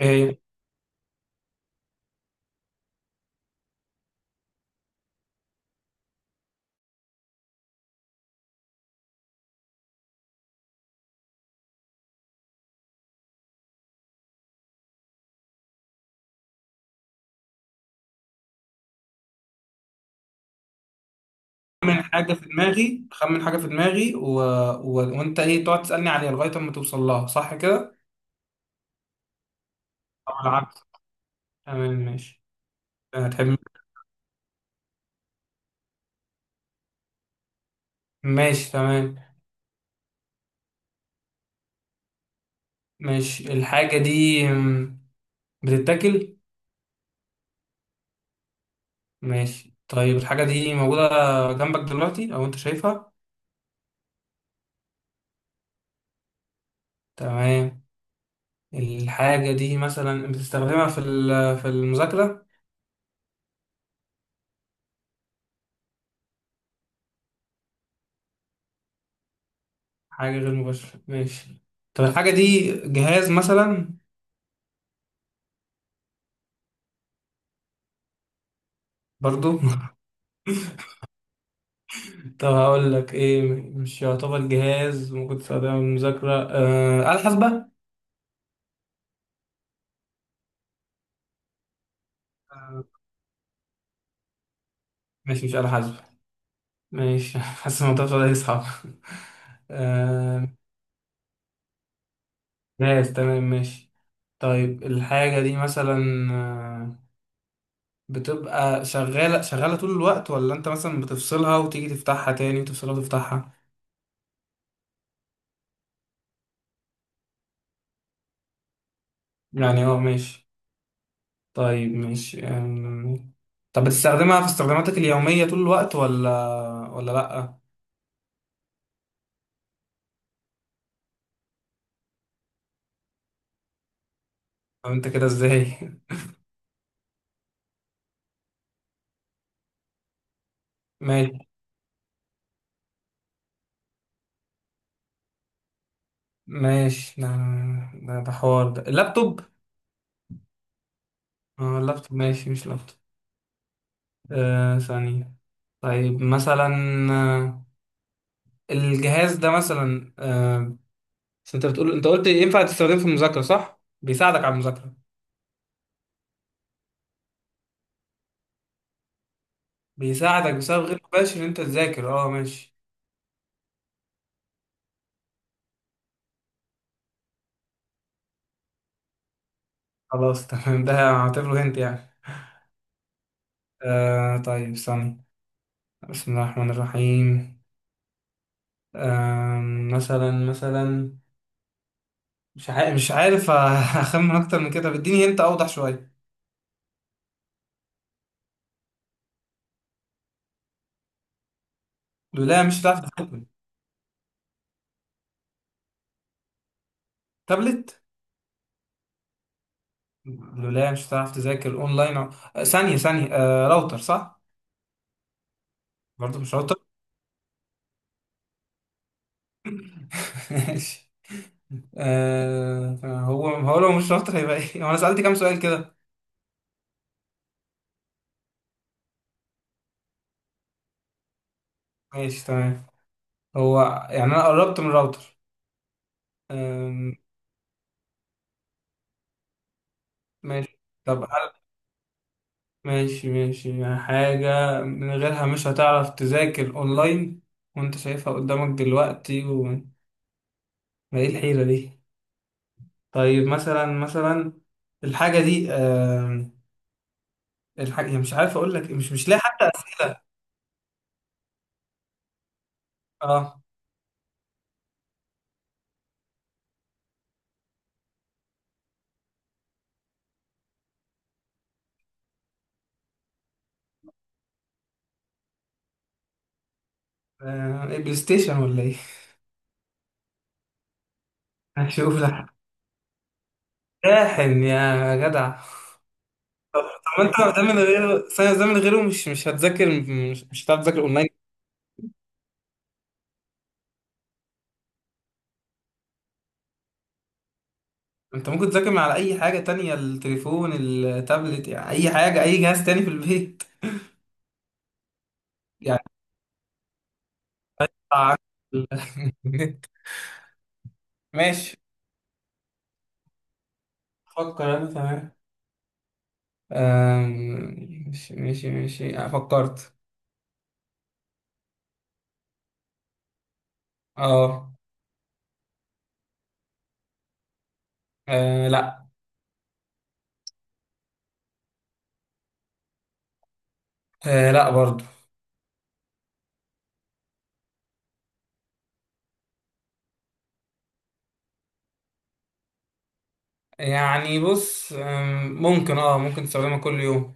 إيه، خمن حاجة في دماغي وانت ايه تقعد تسألني عليها لغاية اما توصل لها صح كده؟ او العكس. تمام ماشي. هتحب. ماشي تمام. ماشي، الحاجة دي بتتاكل. ماشي، طيب الحاجة دي موجودة جنبك دلوقتي او انت شايفها؟ تمام. الحاجة دي مثلا بتستخدمها في المذاكرة. حاجة غير مباشرة، ماشي. طب الحاجة دي جهاز مثلا؟ برضو. طب هقول لك ايه، مش يعتبر جهاز ممكن تستخدمه للمذاكرة، آلة حاسبة. آه، ماشي، مش آلة حاسبة. ماشي حاسس الموضوع ده يصعب. آه. جهاز، تمام ماشي. طيب الحاجة دي مثلا، آه، بتبقى شغالة شغالة طول الوقت ولا انت مثلا بتفصلها وتيجي تفتحها تاني وتفصلها وتفتحها؟ يعني اه ماشي. طيب ماشي. طب بتستخدمها في استخداماتك اليومية طول الوقت ولا لأ؟ طب انت كده ازاي؟ ماشي. ماشي، ده ده حوار. ده اللابتوب. اه، اللابتوب، ماشي، مش لابتوب. آه، ثانية. طيب مثلا، آه، الجهاز ده مثلا. بس انت بتقول، انت قلت ينفع تستخدمه في المذاكرة صح؟ بيساعدك على المذاكرة. بيساعدك بسبب غير مباشر ان انت تذاكر، اه ماشي. خلاص تمام، ده هعتبره هنت يعني. آه، طيب ثانية. بسم الله الرحمن الرحيم. آه، مثلا مثلا، مش عارف مش عارف. اخمن اكتر من كده، بديني هنت اوضح شوية. لا، مش هتعرف. تابلت. لولا مش هتعرف تذاكر اونلاين آه، ثانية ثانية، راوتر صح؟ برضه مش راوتر. ماشي. آه، هو لو مش راوتر هيبقى ايه؟ هو انا سألت كام سؤال كده؟ ماشي تمام. هو يعني انا قربت من الراوتر. آم، ماشي. طب هل، ماشي ماشي، يعني حاجة من غيرها مش هتعرف تذاكر اونلاين وانت شايفها قدامك دلوقتي و... ما ايه الحيرة دي؟ طيب مثلا مثلا، الحاجة دي، الحاجة هي، مش عارف اقول لك، مش لاقي حتى اه. آه، إيه، بلاي ستيشن ولا ايه؟ هشوف لك. شاحن يا جدع. طب ما انت ده من غيره، ثانية، ده من غيره مش مش هتذاكر، مش هتعرف تذاكر اونلاين. انت ممكن تذاكر من على اي حاجة تانية، التليفون، التابلت، يعني اي حاجة، اي جهاز تاني في البيت. يعني طبعاً النت. ماشي، فكر انا تمام. ماشي ماشي ماشي، فكرت. اه، آه، لا. آه، لا برضه. يعني بص، ممكن، اه ممكن تستخدمها كل يوم.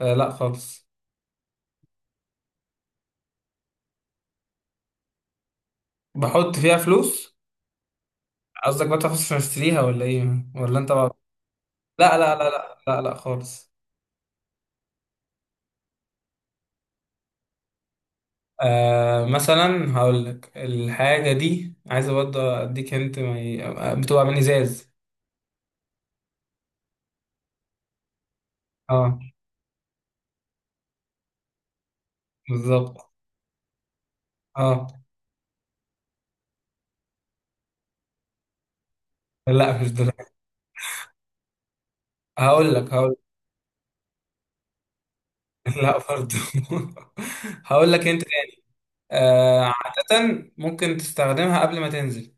آه، لا خالص. بحط فيها فلوس. قصدك بقى فلوس عشان اشتريها ولا ايه، ولا انت بقى؟ لا لا لا لا لا لا خالص. آه مثلا، هقول لك الحاجة دي، عايز برضه اديك انت ما ي... بتبقى من ازاز. اه، بالظبط اه. لا، مش دلوقتي. هقول لك. لا برضه. هقول لك انت تاني. آه، عادة ممكن تستخدمها قبل ما تنزل.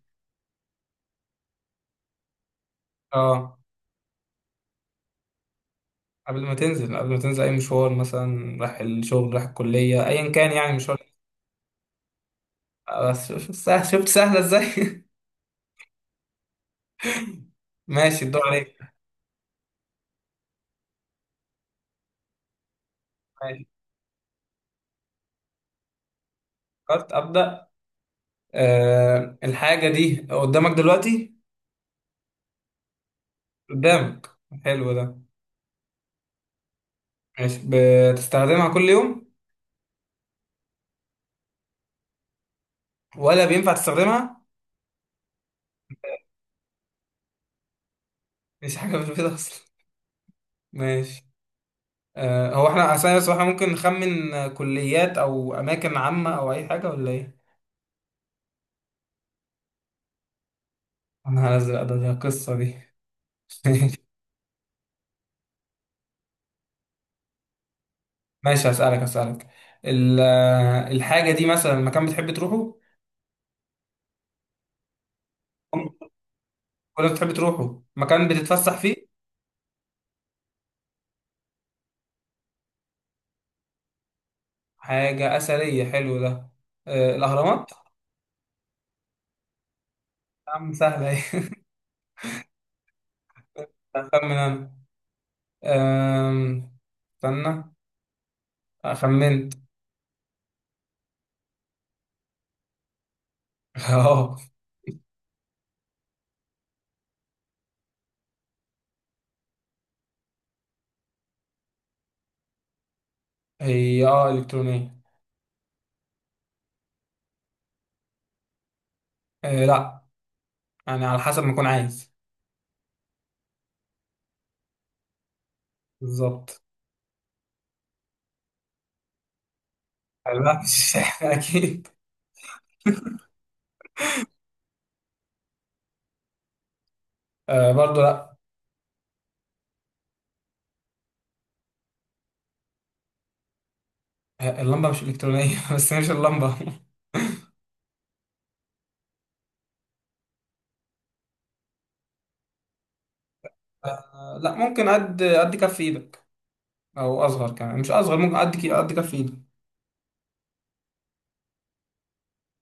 اه، قبل ما تنزل، قبل ما تنزل أي مشوار مثلا، رايح الشغل، رايح الكلية، أيا كان يعني مشوار. بس شفت سهلة إزاي؟ ماشي، الدور عليك. ماشي، فكرت، أبدأ. أه، الحاجة دي قدامك دلوقتي؟ قدامك. حلو ده. ماشي. بتستخدمها كل يوم ولا بينفع تستخدمها؟ مش حاجة في البيت أصلا. ماشي. أه، هو احنا أصلا، بس احنا ممكن نخمن، آه، كليات أو أماكن عامة أو أي حاجة ولا إيه؟ أنا هنزل أدب القصة دي. ماشي، هسألك. ال- الحاجة دي مثلا مكان بتحب تروحه، ولا بتحب تروحه مكان بتتفسح فيه؟ حاجة أثرية، حلو ده. آه، الأهرامات. يا عم سهلة ايه. أخمن أنا. آم، استنى، خمنت. اه. هي اه إلكترونية. آه، لا. يعني على حسب ما أكون عايز. بالظبط. لا، مش أكيد. آه، برضو لا. آه، اللمبة مش إلكترونية. بس هي مش اللمبة. آه، لا، ممكن قد كف إيدك، او اصغر كمان. مش اصغر، ممكن قد قد كف ايدي.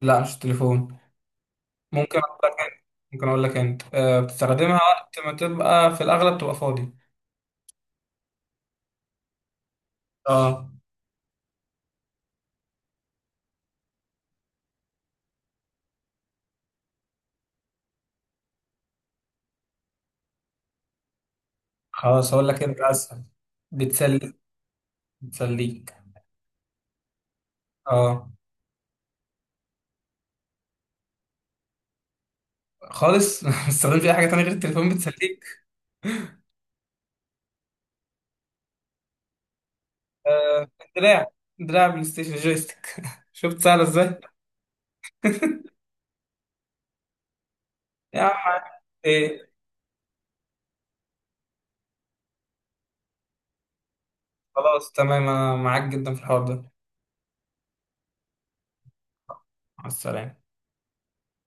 لا، مش التليفون. ممكن اقول لك انت ممكن اقول لك انت بتستخدمها وقت ما تبقى في الاغلب تبقى فاضي. اه. خلاص، اقول لك انت اسهل، بتسليك بتسليك. اه. خالص. ما بتستخدمش اي حاجه تانية غير التليفون بتسليك. أه، دراع. دراع بلاي ستيشن، جويستيك. شفت سهله ازاي؟ يا عم ايه، خلاص تمام، انا معاك جدا في الحوار ده. مع السلامه.